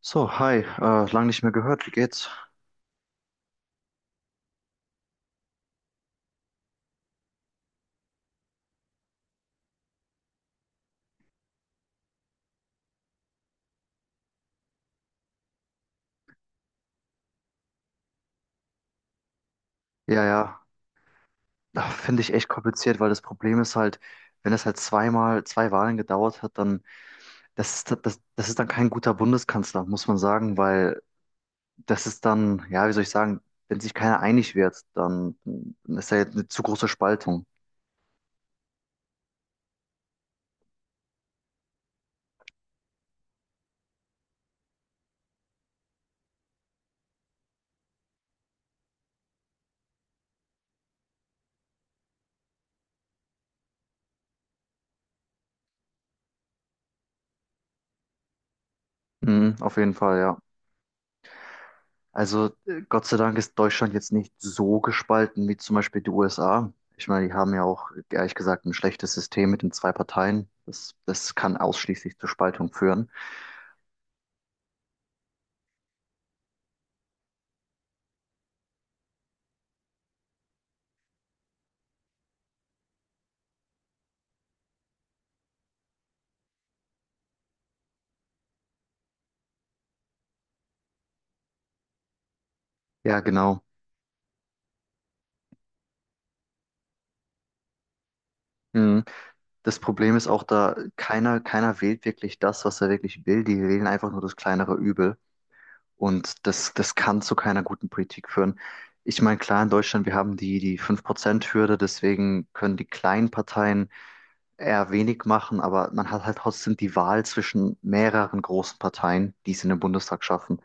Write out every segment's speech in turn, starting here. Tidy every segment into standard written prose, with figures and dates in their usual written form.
So, hi, lang nicht mehr gehört, wie geht's? Ja, ja, ach, finde ich echt kompliziert, weil das Problem ist halt, wenn es halt zweimal, zwei Wahlen gedauert hat, dann das ist dann kein guter Bundeskanzler, muss man sagen, weil das ist dann, ja, wie soll ich sagen, wenn sich keiner einig wird, dann ist da jetzt eine zu große Spaltung. Mhm, auf jeden Fall, ja. Also Gott sei Dank ist Deutschland jetzt nicht so gespalten wie zum Beispiel die USA. Ich meine, die haben ja auch ehrlich gesagt ein schlechtes System mit den zwei Parteien. Das kann ausschließlich zur Spaltung führen. Ja, genau. Mhm. Das Problem ist auch da, keiner wählt wirklich das, was er wirklich will. Die wählen einfach nur das kleinere Übel. Und das kann zu keiner guten Politik führen. Ich meine, klar, in Deutschland, wir haben die 5% Hürde, deswegen können die kleinen Parteien eher wenig machen, aber man hat halt trotzdem die Wahl zwischen mehreren großen Parteien, die es in den Bundestag schaffen.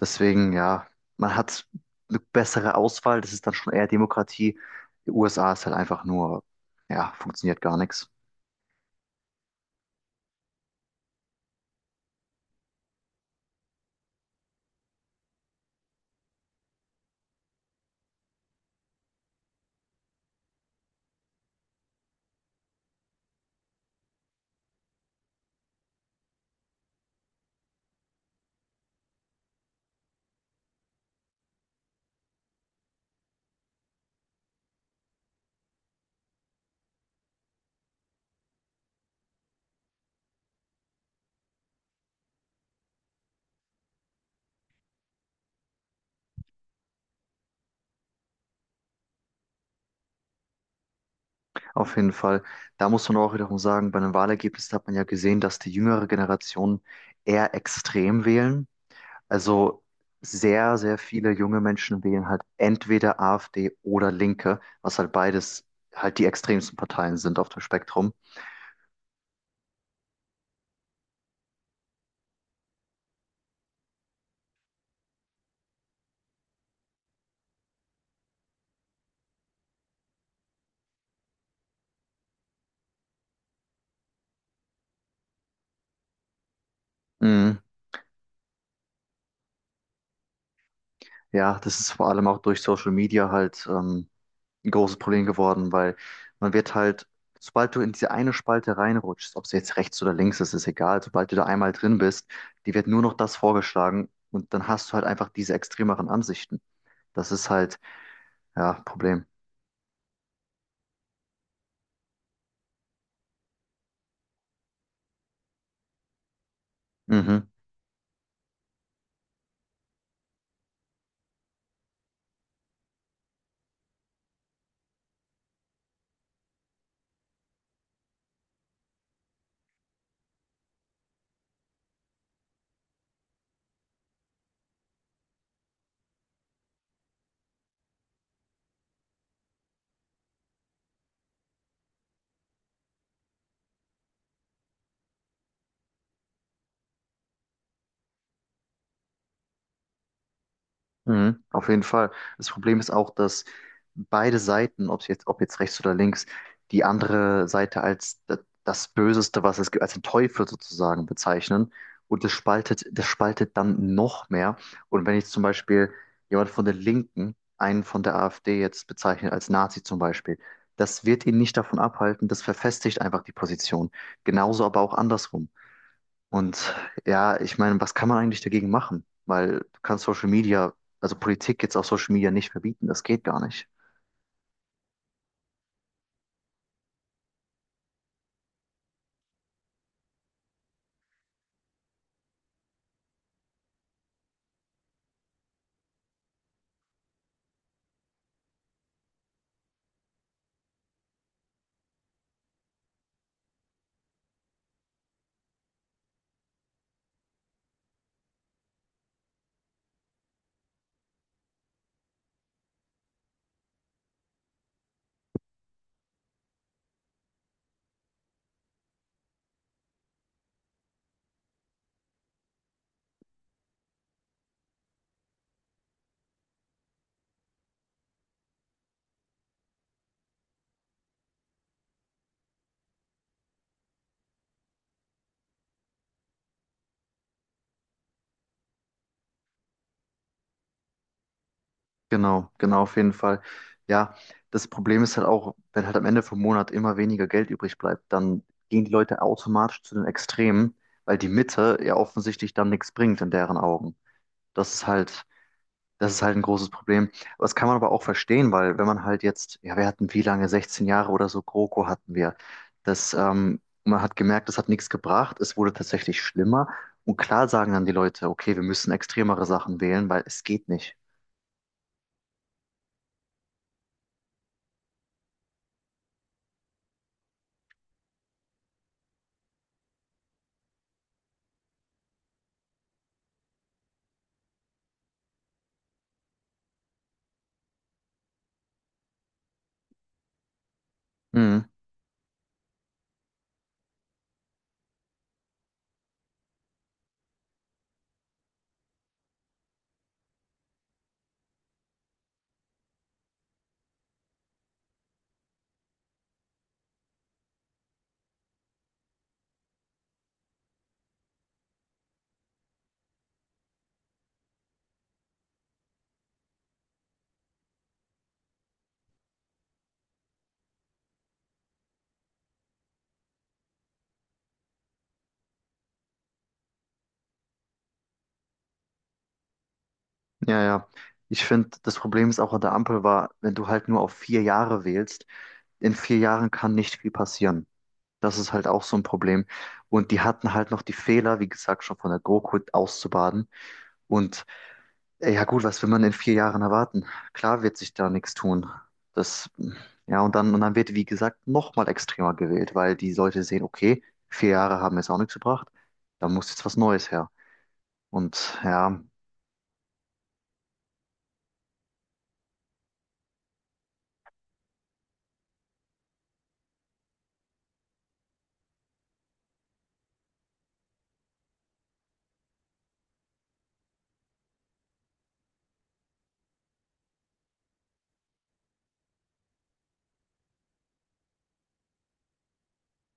Deswegen, ja, man hat eine bessere Auswahl, das ist dann schon eher Demokratie. Die USA ist halt einfach nur, ja, funktioniert gar nichts. Auf jeden Fall, da muss man auch wiederum sagen, bei den Wahlergebnissen hat man ja gesehen, dass die jüngere Generation eher extrem wählen. Also sehr, sehr viele junge Menschen wählen halt entweder AfD oder Linke, was halt beides halt die extremsten Parteien sind auf dem Spektrum. Mhm. Ja, das ist vor allem auch durch Social Media halt ein großes Problem geworden, weil man wird halt, sobald du in diese eine Spalte reinrutschst, ob es jetzt rechts oder links ist, ist egal, sobald du da einmal drin bist, die wird nur noch das vorgeschlagen und dann hast du halt einfach diese extremeren Ansichten. Das ist halt, ja, Problem. Mhm. Mhm, auf jeden Fall. Das Problem ist auch, dass beide Seiten, ob jetzt rechts oder links, die andere Seite als das Böseste, was es gibt, als den Teufel sozusagen bezeichnen. Und das spaltet dann noch mehr. Und wenn jetzt zum Beispiel jemand von den Linken einen von der AfD jetzt bezeichnet als Nazi zum Beispiel, das wird ihn nicht davon abhalten, das verfestigt einfach die Position. Genauso aber auch andersrum. Und ja, ich meine, was kann man eigentlich dagegen machen? Weil du kannst Social Media, also Politik jetzt auf Social Media nicht verbieten, das geht gar nicht. Genau, genau, auf jeden Fall. Ja, das Problem ist halt auch, wenn halt am Ende vom Monat immer weniger Geld übrig bleibt, dann gehen die Leute automatisch zu den Extremen, weil die Mitte ja offensichtlich dann nichts bringt in deren Augen. Das ist halt, Das ist halt ein großes Problem. Aber das kann man aber auch verstehen, weil wenn man halt jetzt, ja, wir hatten wie lange, 16 Jahre oder so, GroKo hatten wir. Man hat gemerkt, das hat nichts gebracht. Es wurde tatsächlich schlimmer. Und klar sagen dann die Leute, okay, wir müssen extremere Sachen wählen, weil es geht nicht. Mhm. Ja, ja. Ich finde, das Problem ist auch an der Ampel war, wenn du halt nur auf 4 Jahre wählst, in 4 Jahren kann nicht viel passieren. Das ist halt auch so ein Problem. Und die hatten halt noch die Fehler, wie gesagt, schon von der GroKo auszubaden. Und ja gut, was will man in 4 Jahren erwarten? Klar wird sich da nichts tun. Das, ja, und dann wird, wie gesagt, nochmal extremer gewählt, weil die Leute sehen, okay, 4 Jahre haben jetzt auch nichts gebracht, da muss jetzt was Neues her. Und ja,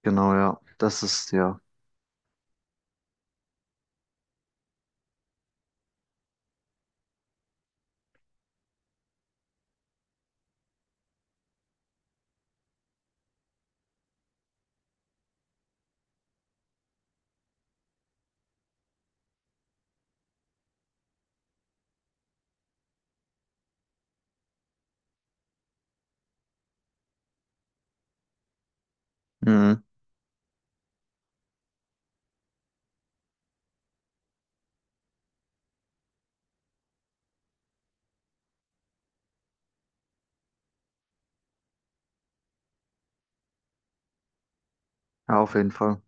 genau, ja, das ist ja, mhm, ja, auf jeden Fall.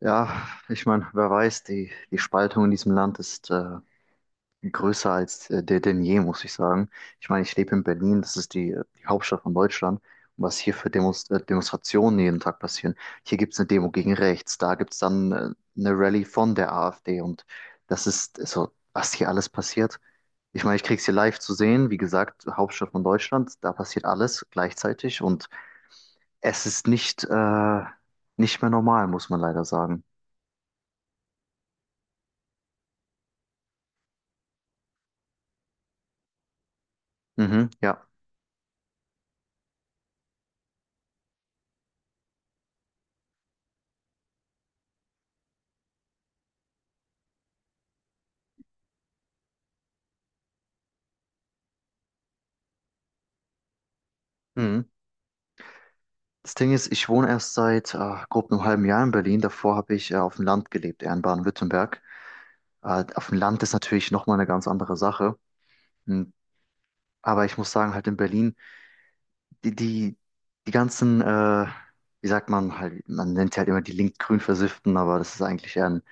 Ja, ich meine, wer weiß, die Spaltung in diesem Land ist größer als der denn je, muss ich sagen. Ich meine, ich lebe in Berlin, das ist die Hauptstadt von Deutschland. Und was hier für Demos Demonstrationen jeden Tag passieren. Hier gibt es eine Demo gegen rechts, da gibt es dann eine Rallye von der AfD und das ist so, was hier alles passiert. Ich meine, ich krieg's hier live zu sehen, wie gesagt, Hauptstadt von Deutschland, da passiert alles gleichzeitig und es ist nicht mehr normal, muss man leider sagen. Mhm, ja. Mhm. Das Ding ist, ich wohne erst seit grob einem halben Jahr in Berlin. Davor habe ich auf dem Land gelebt, eher in Baden-Württemberg. Auf dem Land ist natürlich nochmal eine ganz andere Sache. Hm. Aber ich muss sagen, halt in Berlin, die, die, die ganzen, wie sagt man halt, man nennt sie halt immer die link-grün Versifften, aber das ist eigentlich eher ein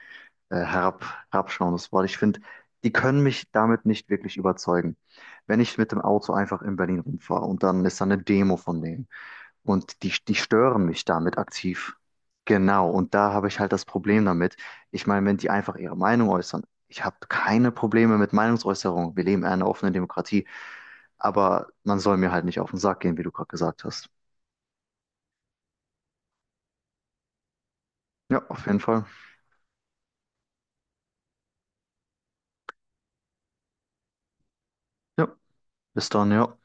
äh, herab, herabschauendes Wort. Ich finde, die können mich damit nicht wirklich überzeugen, wenn ich mit dem Auto einfach in Berlin rumfahre und dann ist da eine Demo von denen. Und die stören mich damit aktiv. Genau, und da habe ich halt das Problem damit. Ich meine, wenn die einfach ihre Meinung äußern, ich habe keine Probleme mit Meinungsäußerung. Wir leben in einer offenen Demokratie, aber man soll mir halt nicht auf den Sack gehen, wie du gerade gesagt hast. Ja, auf jeden Fall. Ja, bis dann, ja.